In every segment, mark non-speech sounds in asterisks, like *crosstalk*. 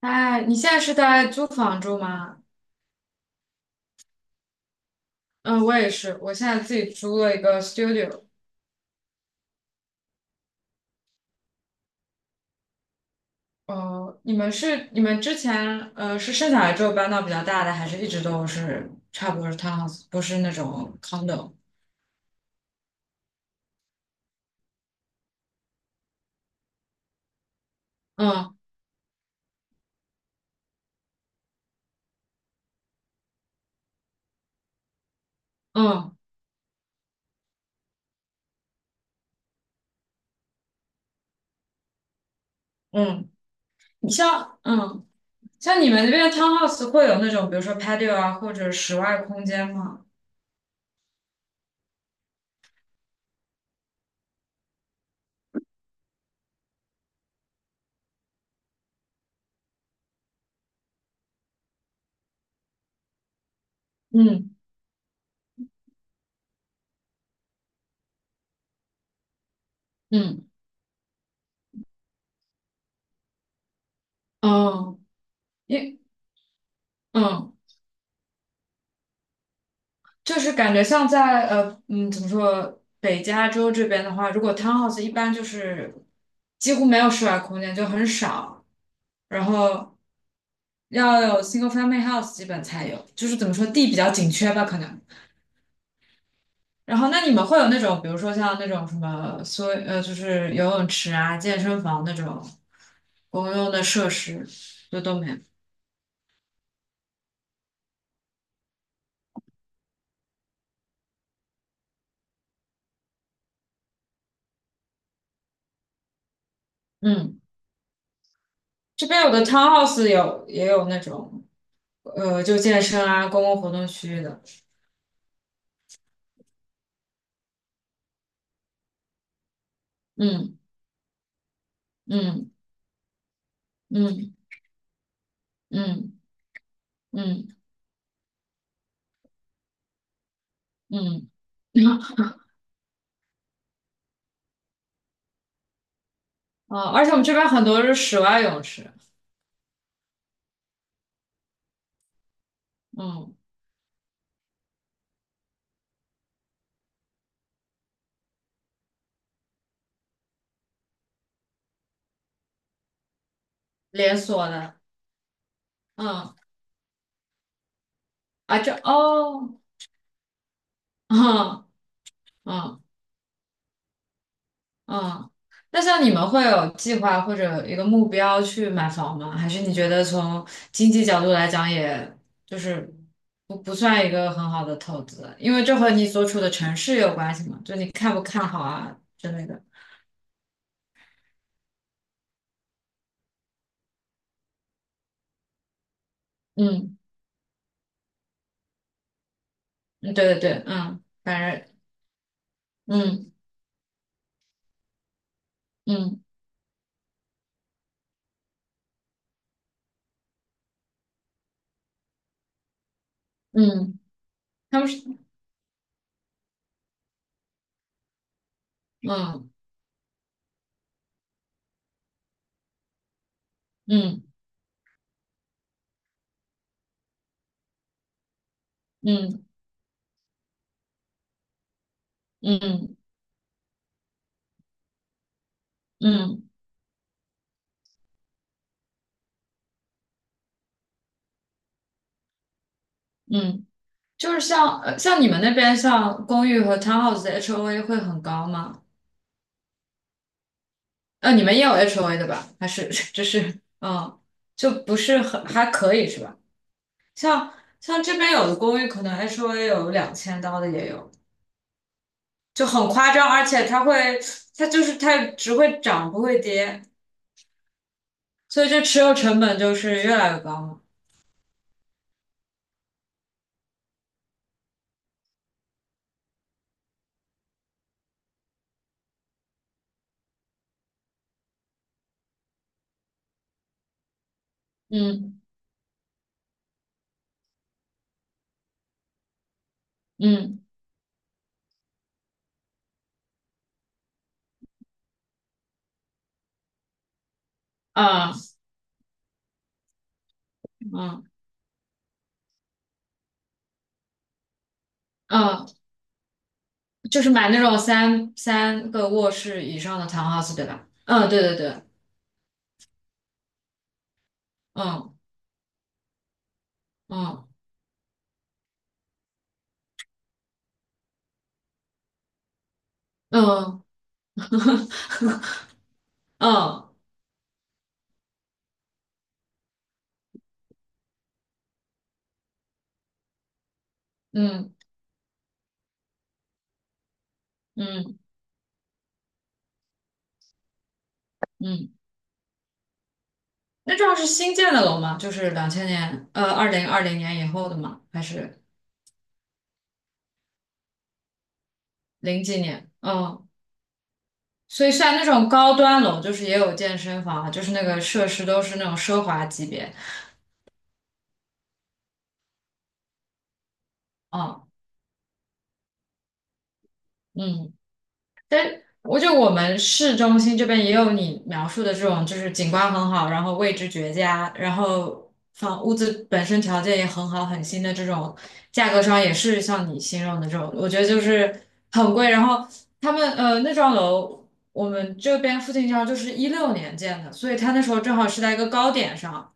哎，你现在是在租房住吗？嗯，我也是，我现在自己租了一个 studio。你们是你们之前生下来之后搬到比较大的，还是一直都是差不多是 townhouse，不是那种 condo？嗯嗯嗯，你像像你们那边的 townhouse 会有那种比如说 patio 啊或者室外空间吗？嗯嗯哦，因嗯。就是感觉像在怎么说北加州这边的话，如果 townhouse 一般就是几乎没有室外空间，就很少，然后要有 single family house 基本才有，就是怎么说地比较紧缺吧可能。然后那你们会有那种比如说像那种什么所呃就是游泳池啊、健身房那种公用的设施，就都没有。嗯，这边有的 townhouse 有也有那种就健身啊、公共活动区域的，嗯。嗯嗯嗯嗯嗯，嗯哦，而且我们这边很多是室外泳池，嗯，连锁的，嗯啊，这哦，嗯嗯嗯，那像你们会有计划或者一个目标去买房吗？还是你觉得从经济角度来讲，也就是不算一个很好的投资，因为这和你所处的城市有关系嘛，就你看不看好啊之类的。嗯，嗯对对对，嗯，反正，嗯嗯嗯。嗯他们是，嗯嗯嗯嗯嗯嗯，就是像你们那边像公寓和 townhouse 的 HOA 会很高吗？呃，你们也有 HOA 的吧？还是 *laughs* 就是嗯，就不是很还可以是吧？像像这边有的公寓可能 HOA 有两千刀的也有，就很夸张，而且它就是它只会涨不会跌，所以这持有成本就是越来越高嘛。嗯嗯啊嗯嗯。就是买那种三个卧室以上的 townhouse，对吧？嗯，对对对，嗯嗯嗯 *laughs* 嗯嗯嗯嗯，那这样是新建的楼吗？就是两千年，二零二零年以后的吗？还是零几年？嗯，所以像那种高端楼，就是也有健身房啊，就是那个设施都是那种奢华级别。嗯嗯但我们市中心这边也有你描述的这种，就是景观很好，然后位置绝佳，然后房屋子本身条件也很好，很新的这种，价格上也是像你形容的这种，我觉得就是很贵。然后他们那幢楼，我们这边附近这幢就是一六年建的，所以它那时候正好是在一个高点上，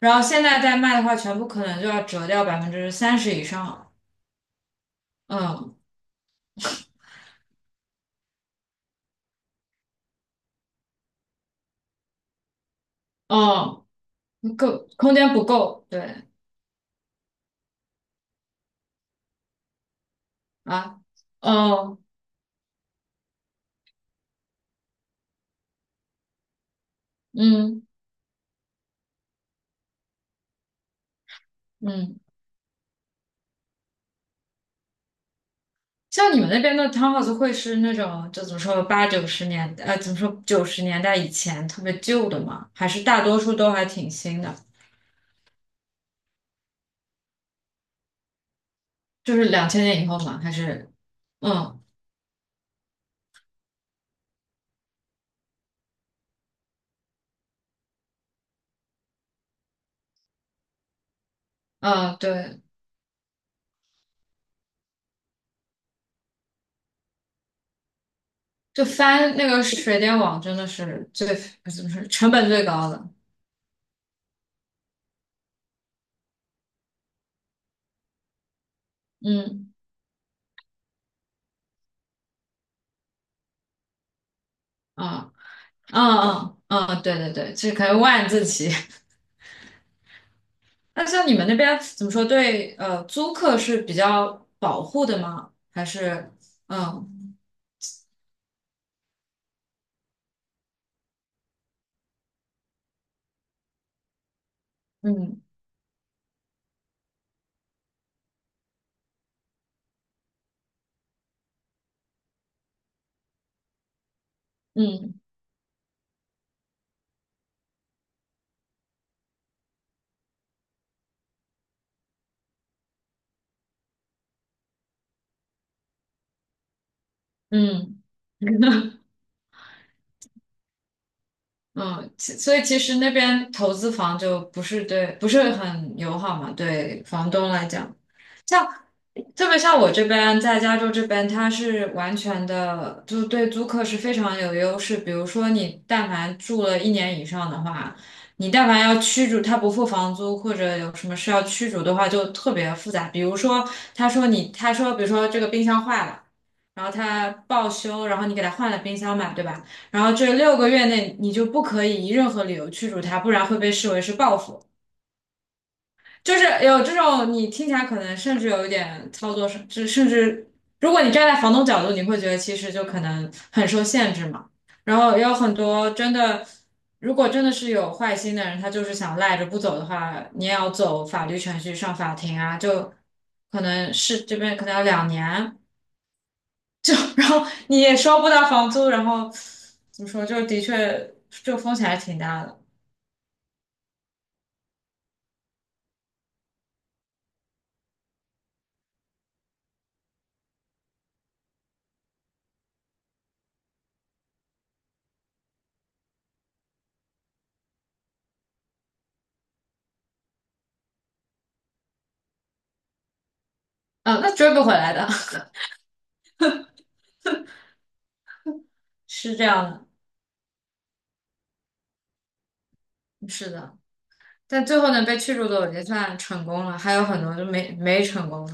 然后现在再卖的话，全部可能就要折掉百分之三十以上。嗯，哦，够，空间不够，对。啊，哦，嗯嗯，像你们那边的 townhouse 会是那种，就怎么说八九十年代，怎么说九十年代以前特别旧的吗？还是大多数都还挺新的？就是两千年以后嘛？还是，嗯嗯，对，就翻那个水电网真的是最，怎么说，成本最高的。嗯啊，嗯嗯嗯，对对对，这可以万字起。那像你们那边怎么说？对，租客是比较保护的吗？还是，嗯嗯嗯嗯 *laughs* 嗯，所以其实那边投资房就不是对，不是很友好嘛，对房东来讲。像特别像我这边在加州这边，它是完全的，就对租客是非常有优势。比如说，你但凡住了一年以上的话，你但凡要驱逐他不付房租，或者有什么事要驱逐的话，就特别复杂。比如说，他说，比如说这个冰箱坏了。然后他报修，然后你给他换了冰箱嘛，对吧？然后这六个月内你就不可以以任何理由驱逐他，不然会被视为是报复。就是有这种你听起来可能甚至有一点操作上，甚至如果你站在房东角度，你会觉得其实就可能很受限制嘛。然后也有很多真的，如果真的是有坏心的人，他就是想赖着不走的话，你也要走法律程序上法庭啊，就可能是这边可能要两年，就 *laughs* 然后你也收不到房租，然后怎么说，就的确就风险还挺大的。嗯，那追不回来的，*laughs* 是这样的，是的。但最后呢，被驱逐的我就算成功了，还有很多就没成功的，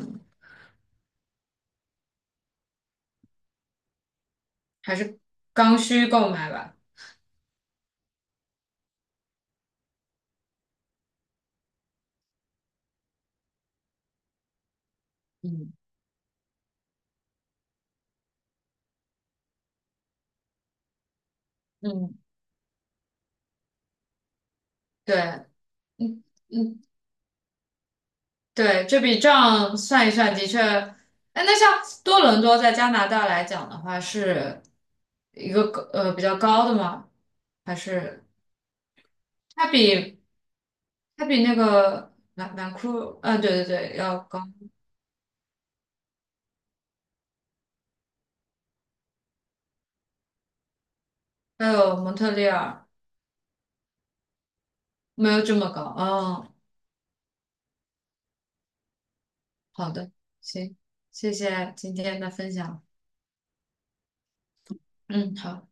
还是刚需购买吧。嗯，嗯，对，嗯嗯，对，这笔账算一算，的确，哎，那像多伦多在加拿大来讲的话，是一个比较高的吗？还是它比它比那个南南库，对对对，要高，还有蒙特利尔没有这么高，哦好的，行，谢谢今天的分享。嗯，好。